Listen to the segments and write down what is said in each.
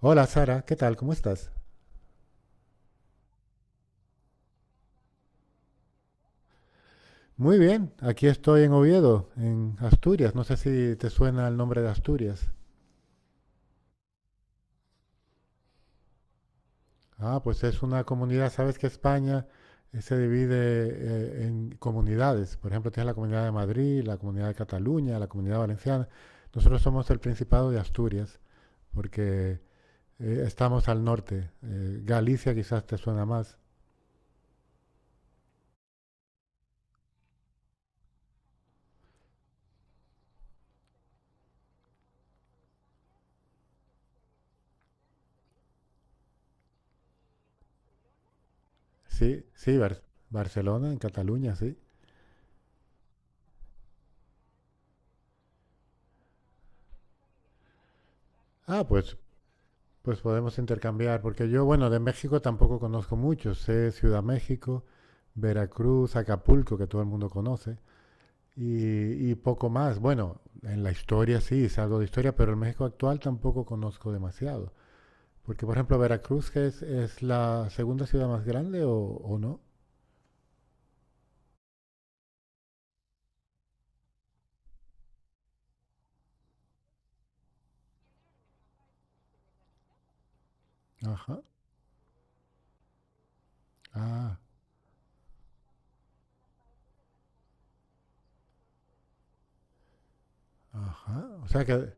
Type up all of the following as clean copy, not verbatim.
Hola Sara, ¿qué tal? ¿Cómo estás? Muy bien, aquí estoy en Oviedo, en Asturias. No sé si te suena el nombre de Asturias. Ah, pues es una comunidad, sabes que España se divide en comunidades. Por ejemplo, tienes la Comunidad de Madrid, la Comunidad de Cataluña, la Comunidad Valenciana. Nosotros somos el Principado de Asturias, porque estamos al norte. Galicia quizás te suena más. Sí, sí, Barcelona, en Cataluña, sí. Ah, pues Pues podemos intercambiar, porque yo, bueno, de México tampoco conozco mucho. Sé Ciudad México, Veracruz, Acapulco, que todo el mundo conoce, y poco más. Bueno, en la historia sí, sé algo de historia, pero el México actual tampoco conozco demasiado. Porque, por ejemplo, Veracruz, que es la segunda ciudad más grande o no. Ajá. Ah, ajá. O sea que,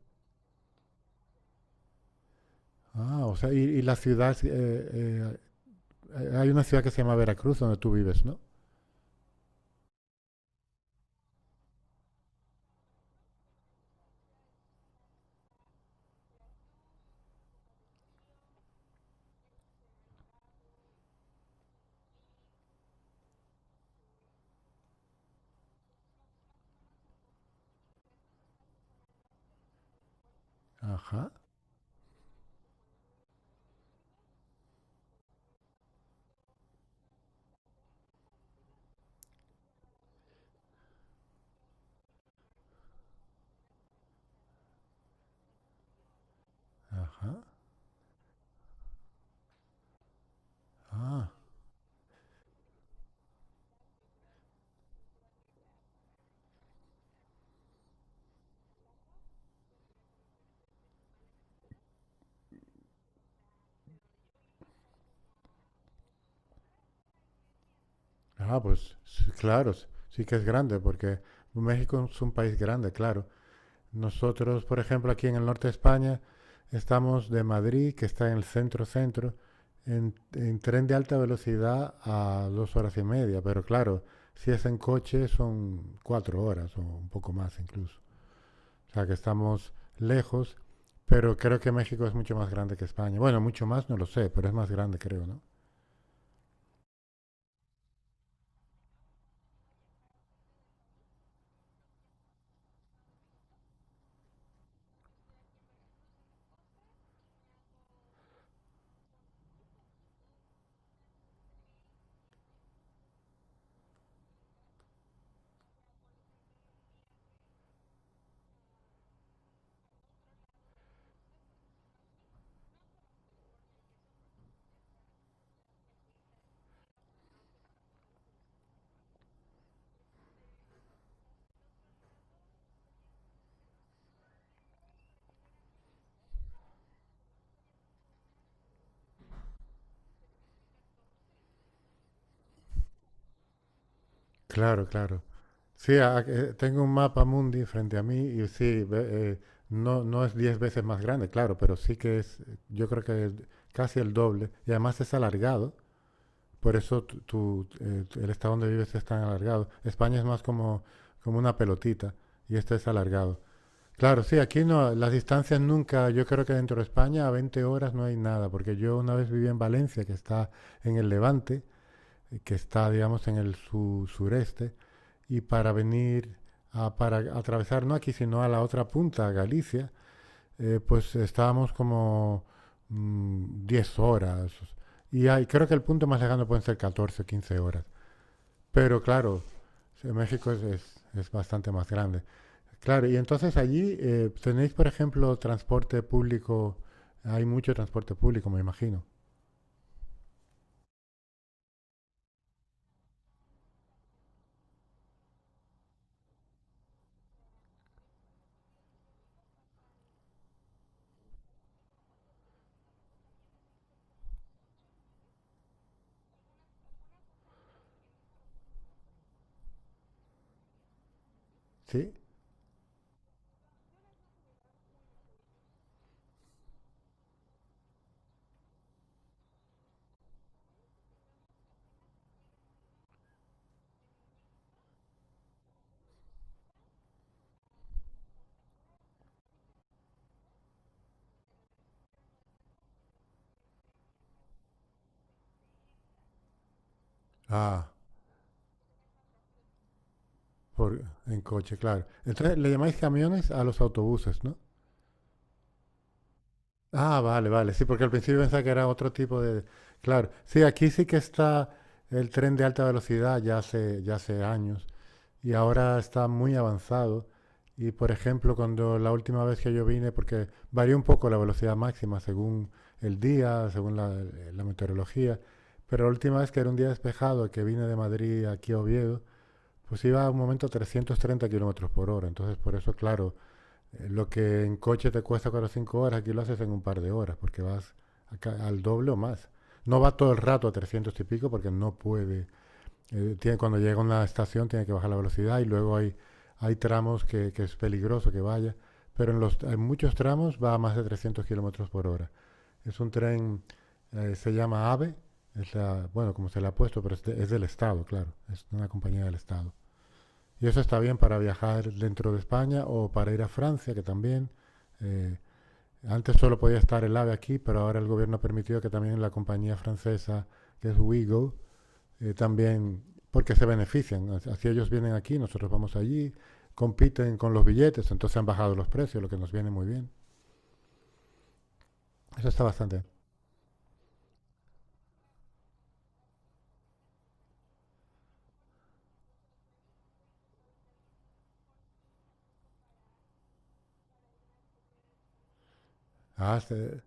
ah, o sea, y la ciudad, hay una ciudad que se llama Veracruz donde tú vives, ¿no? Ajá, ajá. Ah, Ah, pues sí, claro, sí sí que es grande, porque México es un país grande, claro. Nosotros, por ejemplo, aquí en el norte de España, estamos de Madrid, que está en el centro-centro, en tren de alta velocidad a 2 horas y media, pero claro, si es en coche son 4 horas o un poco más incluso. O sea que estamos lejos, pero creo que México es mucho más grande que España. Bueno, mucho más no lo sé, pero es más grande creo, ¿no? Claro, claro. Sí, tengo un mapa mundi frente a mí y sí, no, no es 10 veces más grande, claro, pero sí que es, yo creo que es casi el doble y además es alargado, por eso el estado donde vives es tan alargado. España es más como una pelotita y este es alargado. Claro, sí, aquí no, las distancias nunca, yo creo que dentro de España a 20 horas no hay nada, porque yo una vez viví en Valencia, que está en el Levante, que está, digamos, en el sureste y para venir para atravesar, no aquí, sino a la otra punta, Galicia, pues estábamos como 10 horas. Y hay, creo que el punto más lejano pueden ser 14 o 15 horas. Pero claro, México es bastante más grande. Claro, y entonces allí tenéis, por ejemplo, transporte público. Hay mucho transporte público, me imagino. ¿Sí? Ah, por, en coche, claro. Entonces le llamáis camiones a los autobuses, ¿no? Ah, vale, vale. Sí, porque al principio pensaba que era otro tipo de... Claro, sí, aquí sí que está el tren de alta velocidad ya hace años y ahora está muy avanzado. Y por ejemplo, cuando la última vez que yo vine, porque varía un poco la velocidad máxima según el día, según la meteorología, pero la última vez que era un día despejado, que vine de Madrid aquí a Oviedo, pues iba a un momento a 330 kilómetros por hora. Entonces, por eso, claro, lo que en coche te cuesta 4 o 5 horas, aquí lo haces en un par de horas, porque vas acá al doble o más. No va todo el rato a 300 y pico porque no puede. Cuando llega a una estación tiene que bajar la velocidad y luego hay tramos que es peligroso que vaya. Pero en muchos tramos va a más de 300 kilómetros por hora. Es un tren, se llama AVE, es la, bueno, como se le ha puesto, pero es del Estado, claro. Es una compañía del Estado. Y eso está bien para viajar dentro de España o para ir a Francia, que también. eh, Antes solo podía estar el AVE aquí, pero ahora el gobierno ha permitido que también la compañía francesa, que es Wigo, también, porque se benefician. Así ellos vienen aquí, nosotros vamos allí, compiten con los billetes, entonces han bajado los precios, lo que nos viene muy bien. Eso está bastante bien. Ah.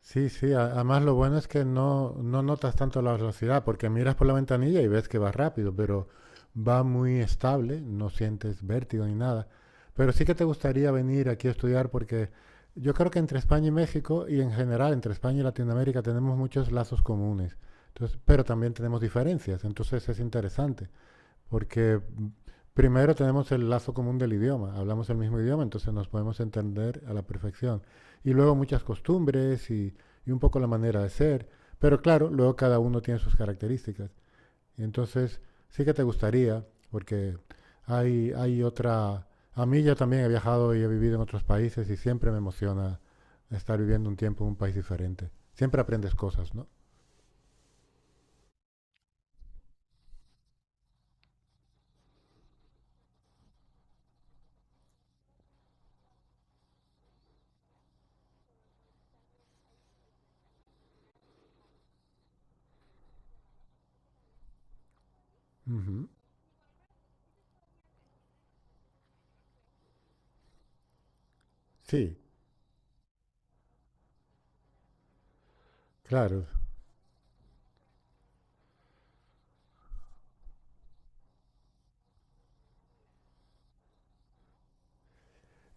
Sí, sí, además lo bueno es que no, no notas tanto la velocidad, porque miras por la ventanilla y ves que va rápido, pero va muy estable, no sientes vértigo ni nada. Pero sí que te gustaría venir aquí a estudiar porque yo creo que entre España y México y en general entre España y Latinoamérica tenemos muchos lazos comunes, entonces, pero también tenemos diferencias, entonces es interesante. Porque primero tenemos el lazo común del idioma, hablamos el mismo idioma, entonces nos podemos entender a la perfección. Y luego muchas costumbres y un poco la manera de ser, pero claro, luego cada uno tiene sus características. Y entonces sí que te gustaría, porque hay otra... A mí ya también he viajado y he vivido en otros países y siempre me emociona estar viviendo un tiempo en un país diferente. Siempre aprendes cosas, ¿no? Ujú. Sí, claro.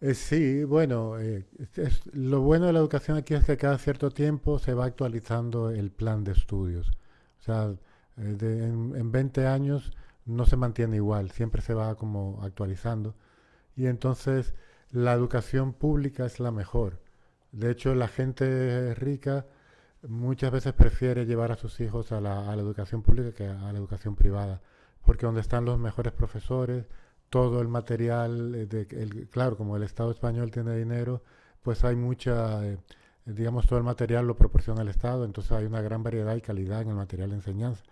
Sí, bueno, lo bueno de la educación aquí es que cada cierto tiempo se va actualizando el plan de estudios. O sea, en 20 años no se mantiene igual, siempre se va como actualizando. Y entonces la educación pública es la mejor. De hecho, la gente rica muchas veces prefiere llevar a sus hijos a a la educación pública que a la educación privada, porque donde están los mejores profesores, todo el material, claro, como el Estado español tiene dinero, pues hay mucha, digamos, todo el material lo proporciona el Estado, entonces hay una gran variedad y calidad en el material de enseñanza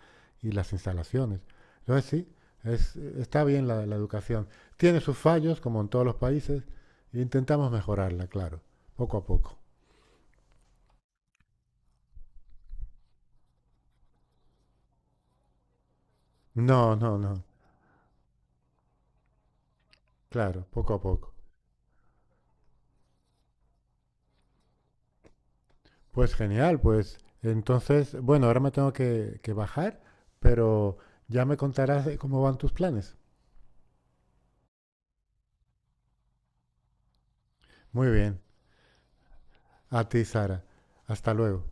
y las instalaciones. Entonces sí, está bien la educación. Tiene sus fallos, como en todos los países, e intentamos mejorarla, claro, poco a poco. No, no, no. Claro, poco a poco. Pues genial, pues entonces, bueno, ahora me tengo que bajar, pero ya me contarás de cómo van tus planes. Muy bien, a ti, Sara. Hasta luego.